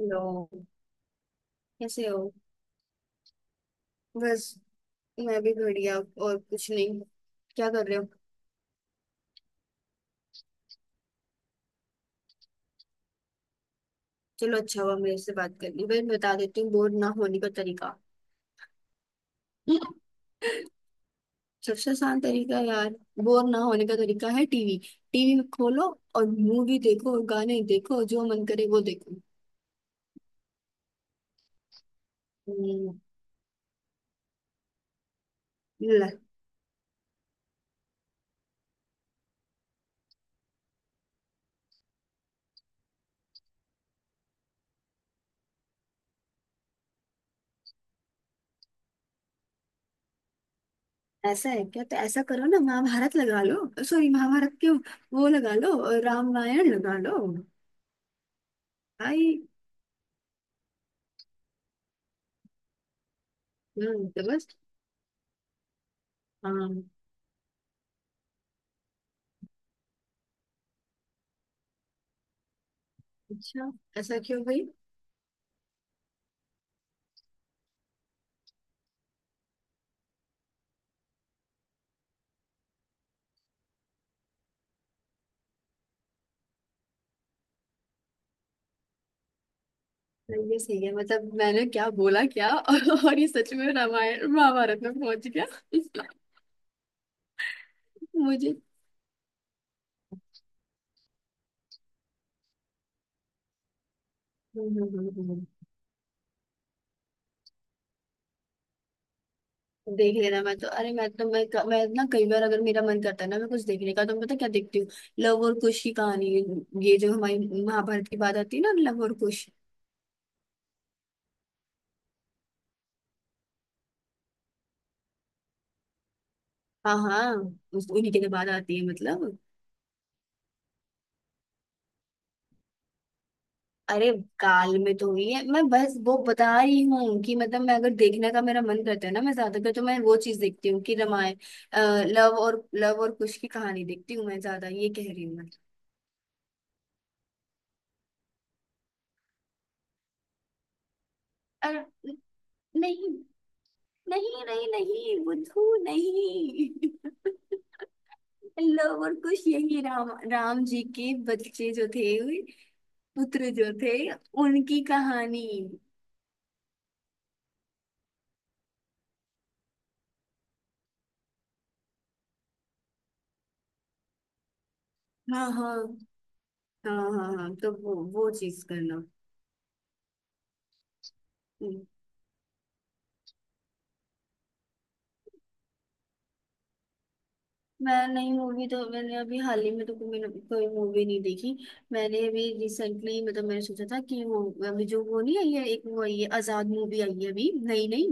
Hello. कैसे हो? बस। मैं भी बढ़िया। और कुछ नहीं। क्या कर रहे हो? चलो, अच्छा हुआ मेरे से बात करनी, भाई बता देती हूँ बोर ना होने का तरीका। सबसे आसान तरीका यार, बोर ना होने का तरीका है टीवी। टीवी खोलो और मूवी देखो और गाने देखो, जो मन करे वो देखो। हम्म। ल, ऐसा है क्या? तो ऐसा करो ना, महाभारत लगा लो। सॉरी, महाभारत क्यों? वो लगा लो और रामायण लगा लो। भाई। तो बस। हाँ। अच्छा। ऐसा क्यों भाई? ये सही है, मतलब मैंने क्या बोला क्या और ये सच में रामायण महाभारत में पहुंच गया मुझे। हम्म, हम्म, हम्म, हम्म। देख लेना। मैं तो अरे मैं तो मैं ना, कई बार अगर मेरा मन करता है ना मैं कुछ देखने का, तो मैं पता क्या देखती हूँ? लव और कुश की कहानी। ये जो हमारी महाभारत की बात आती है ना, लव और कुश। हाँ हाँ। उन्हीं के लिए बात आती है मतलब। अरे, काल में तो हुई है। मैं बस वो बता रही हूँ कि मतलब मैं अगर देखने का मेरा मन करता है ना, मैं ज्यादातर तो मैं वो चीज देखती हूँ कि रामायण। अ, लव और कुश की कहानी देखती हूँ, मैं ज्यादा ये कह रही हूँ मैं। अरे, न- नहीं नहीं नहीं नहीं बुद्धू नहीं। लव और कुश यही, राम राम जी के बच्चे जो थे, पुत्र जो थे, उनकी कहानी। हाँ हाँ हाँ हाँ हाँ। तो वो चीज करना। मैं नई मूवी तो, मैंने अभी हाल ही में तो कोई कोई मूवी नहीं देखी। मैंने अभी रिसेंटली मतलब, मैंने सोचा था कि वो अभी जो वो नहीं आई है, एक वो आई है आजाद मूवी, आई है अभी नई नई।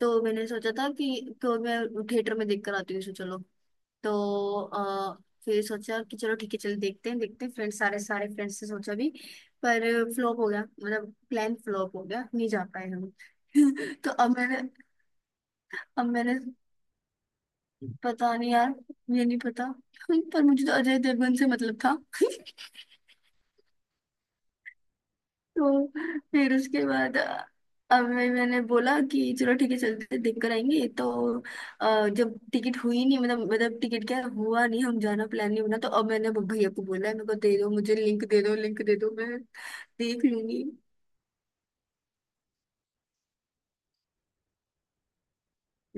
तो मैंने सोचा था कि तो मैं थिएटर में देख कर आती हूँ, सो चलो। तो फिर सोचा कि चलो ठीक है, चलो देखते हैं फ्रेंड्स, सारे सारे फ्रेंड्स से सोचा भी, पर फ्लॉप हो गया, मतलब प्लान फ्लॉप हो गया, नहीं जा पाए हम। तो अब मैंने पता नहीं यार, मुझे नहीं पता। पर मुझे तो अजय देवगन से मतलब था तो फिर उसके बाद अब मैंने बोला कि चलो ठीक है, चलते देख कर आएंगे, तो जब टिकट हुई नहीं, मतलब टिकट क्या हुआ नहीं, हम जाना प्लान नहीं बना। तो अब मैंने भैया को बोला है, मेरे को दे दो, मुझे लिंक दे दो, लिंक दे दो मैं देख लूंगी।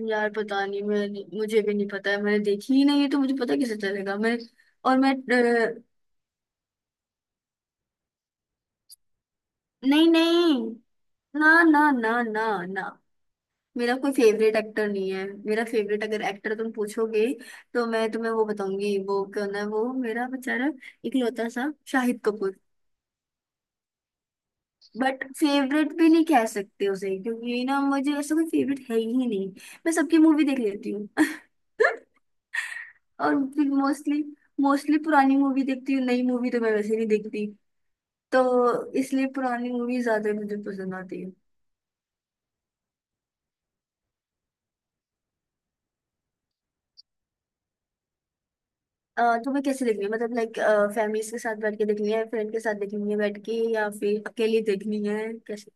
यार पता नहीं, मैं, मुझे भी नहीं पता है, मैंने देखी ही नहीं है तो मुझे पता कैसे चलेगा मैं? और मैं नहीं नहीं। ना ना ना ना ना। मेरा कोई फेवरेट एक्टर नहीं है, मेरा फेवरेट अगर एक्टर तुम पूछोगे तो मैं तुम्हें वो बताऊंगी वो कौन है। वो मेरा बेचारा इकलौता सा शाहिद कपूर। बट फेवरेट भी नहीं कह सकते उसे, क्योंकि ना, मुझे ऐसा कोई फेवरेट है ही नहीं। मैं सबकी मूवी देख लेती हूँ और फिर मोस्टली मोस्टली पुरानी मूवी देखती हूँ, नई मूवी तो मैं वैसे नहीं देखती। तो इसलिए पुरानी मूवी ज्यादा मुझे पसंद आती है। तुम्हें कैसे देखनी है, मतलब लाइक, फैमिलीज के साथ बैठ के देखनी है, फ्रेंड के साथ देखनी है बैठ के, या फिर अकेले देखनी है, कैसे?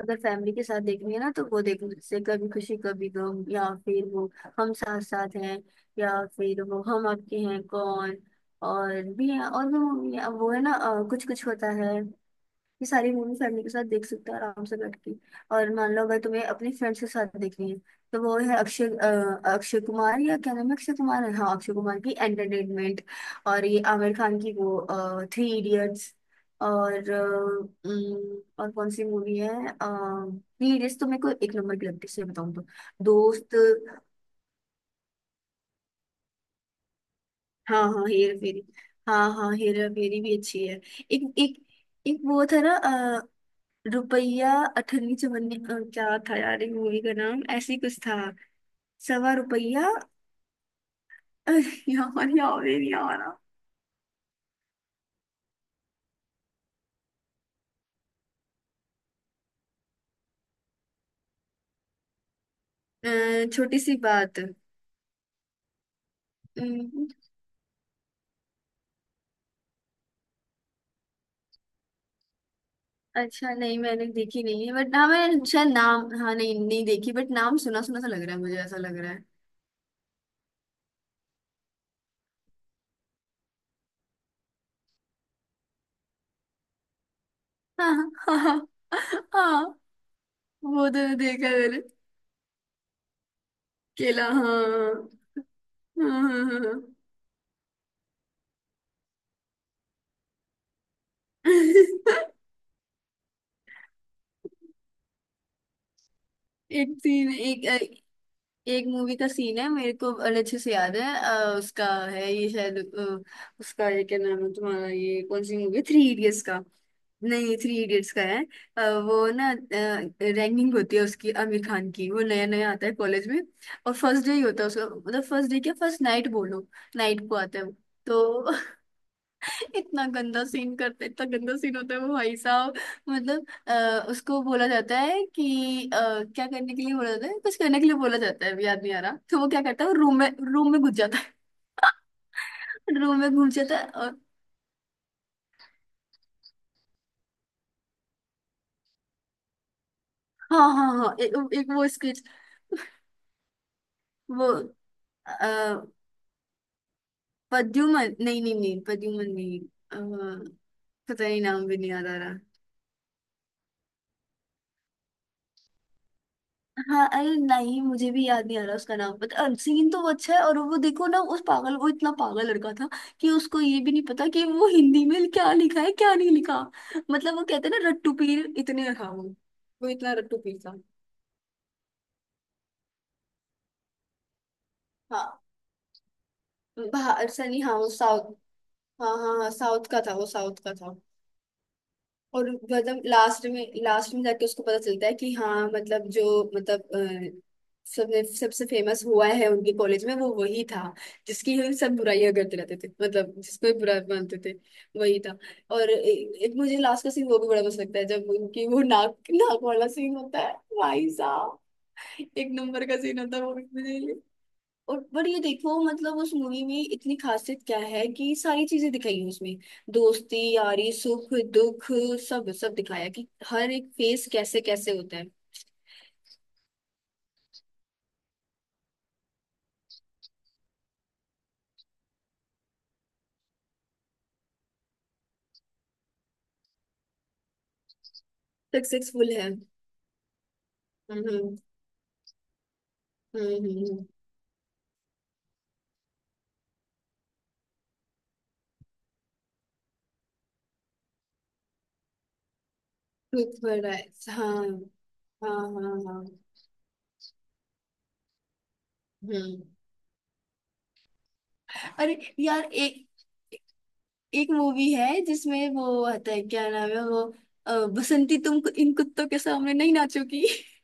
अगर फैमिली के साथ देखनी है ना, तो वो देखो, जैसे कभी खुशी कभी गम, या फिर वो हम साथ साथ हैं, या फिर वो हम आपके हैं कौन, और भी है। और वो है ना कुछ कुछ होता है। ये सारी मूवी फैमिली के साथ देख सकते हो आराम से बैठ के। और मान लो अगर तुम्हें अपने फ्रेंड्स के साथ देखनी है, तो वो है अक्षय कुमार, या क्या नाम है, अक्षय कुमार है, हाँ, अक्षय कुमार की एंटरटेनमेंट। और ये आमिर खान की वो थ्री इडियट्स। और कौन सी मूवी है, थ्री इडियट्स तो मेरे को एक नंबर की लगती है सही बताऊँ तो। दोस्त। हाँ हाँ हेरा फेरी। हाँ हाँ हेरा फेरी भी अच्छी है। एक एक एक वो था ना, रुपया अठन्नी चवन्नी, क्या था यार मूवी का नाम, ऐसी कुछ था, सवा रुपया। यार यार ये नहीं आ रहा। छोटी सी बात। अम्म, अच्छा नहीं, मैंने देखी नहीं है, बट हाँ मैंने शायद नाम, हाँ नहीं, नहीं देखी, बट नाम सुना सुना सा लग रहा है मुझे, ऐसा लग रहा है। हाँ हाँ हाँ हाँ, हाँ। वो तो देखा है मैंने। केला, हाँ। हाँ हाँ हाँ हाँ, एक सीन एक एक मूवी का सीन है, मेरे को बड़े अच्छे से याद है, उसका है ये शायद, उसका, ये क्या नाम है तुम्हारा, ये कौन सी मूवी, थ्री इडियट्स का? नहीं, थ्री इडियट्स का है। वो ना रैंकिंग होती है उसकी, आमिर खान की, वो नया नया आता है कॉलेज में, और फर्स्ट डे ही होता है उसका, मतलब फर्स्ट डे क्या फर्स्ट नाइट बोलो। नाइट को आता है वो, तो इतना गंदा सीन करते, इतना गंदा सीन होता है वो भाई साहब। मतलब उसको बोला जाता है कि अ, क्या करने के लिए बोला जाता है, कुछ करने के लिए बोला जाता है, अभी याद नहीं आ रहा, तो वो क्या करता है, रूम में घुस जाता है। रूम में घुस जाता है, और हाँ हाँ हाँ, एक वो स्केच, वो आ, पद्युमन, नहीं नहीं नहीं पद्युमन नहीं, अ, पता नहीं नाम भी नहीं याद आ रहा। हाँ, अरे नहीं मुझे भी याद नहीं आ रहा उसका नाम पता, सीन तो वो अच्छा है। और वो देखो ना, उस पागल, वो इतना पागल लड़का था कि उसको ये भी नहीं पता कि वो हिंदी में क्या लिखा है क्या नहीं लिखा। मतलब वो कहते हैं ना रट्टू पीर, इतने था वो इतना रट्टू पीर था। हाँ, बाहर सनी, हाँ वो साउथ। हाँ हाँ हाँ साउथ का था वो, साउथ का था। और मतलब लास्ट में, लास्ट में जाके उसको पता चलता है कि, हाँ मतलब जो, मतलब सबने, सबसे फेमस हुआ है उनके कॉलेज में वो वही था, जिसकी हम सब बुराइयां करते रहते थे, मतलब जिसको भी बुरा मानते थे, वही था। और एक मुझे लास्ट का सीन वो भी बड़ा मस्त लगता है, जब उनकी वो नाक नाक वाला सीन होता है, भाई साहब, एक नंबर का सीन होता है वो भी मुझे। और पर ये देखो मतलब उस मूवी में इतनी खासियत क्या है कि सारी चीजें दिखाई है उसमें, दोस्ती यारी सुख दुख, सब सब दिखाया कि हर एक फेस कैसे कैसे होता है। सक्सेसफुल है। हम्म, हम्म, हम्म, दुख भरा है। हाँ हाँ हाँ हाँ। हम्म। अरे यार एक एक मूवी है जिसमें वो आता है क्या नाम है वो? बसंती तुम इन कुत्तों के सामने नहीं नाचोगी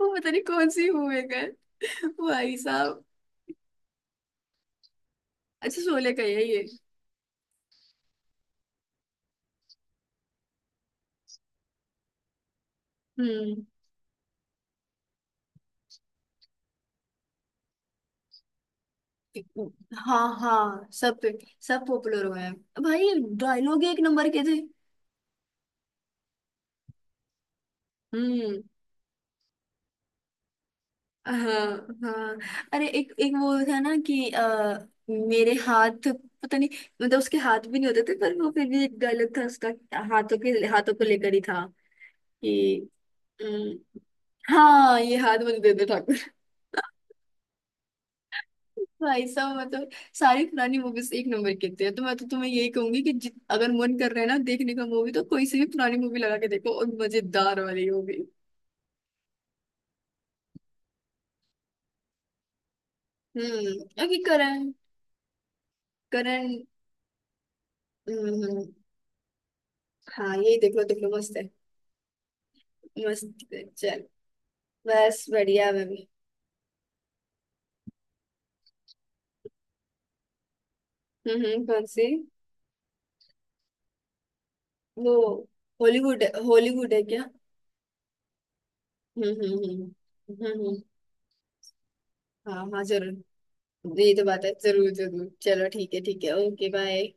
वो पता नहीं कौन सी मूवी का है, भाई साहब। अच्छा, शोले का है ये? हम्म। हाँ हाँ सब पे, सब पॉपुलर हुए हैं भाई। डायलॉग एक नंबर के थे। हम्म। हाँ हाँ। अरे एक एक वो था ना कि मेरे हाथ, पता नहीं, मतलब उसके हाथ भी नहीं होते थे, पर वो फिर भी एक डायलॉग था उसका, हाथों के हाथों को लेकर ही था कि, अम, हाँ, ये हाथ मुझे दे दो ठाकुर। भाई साहब मैं तो, सारी पुरानी मूवीज एक नंबर की होती है, तो मैं तो तुम्हें यही कहूंगी कि, अगर मन कर रहे हैं ना देखने का मूवी तो कोई सी भी पुरानी मूवी लगा के देखो, और मजेदार वाली होगी। हम्म, अभी करण करण। हम्म। हाँ यही देख लो, देख लो मस्त है, मस्त है चल। बस बढ़िया, मैं भी। कौन सी, वो हॉलीवुड हॉलीवुड है क्या? हम्म, हम्म, हम्म, हम्म, हम्म। हाँ हाँ जरूर। ये तो बात है, जरूर जरूर, चलो ठीक है, ठीक है, ओके बाय।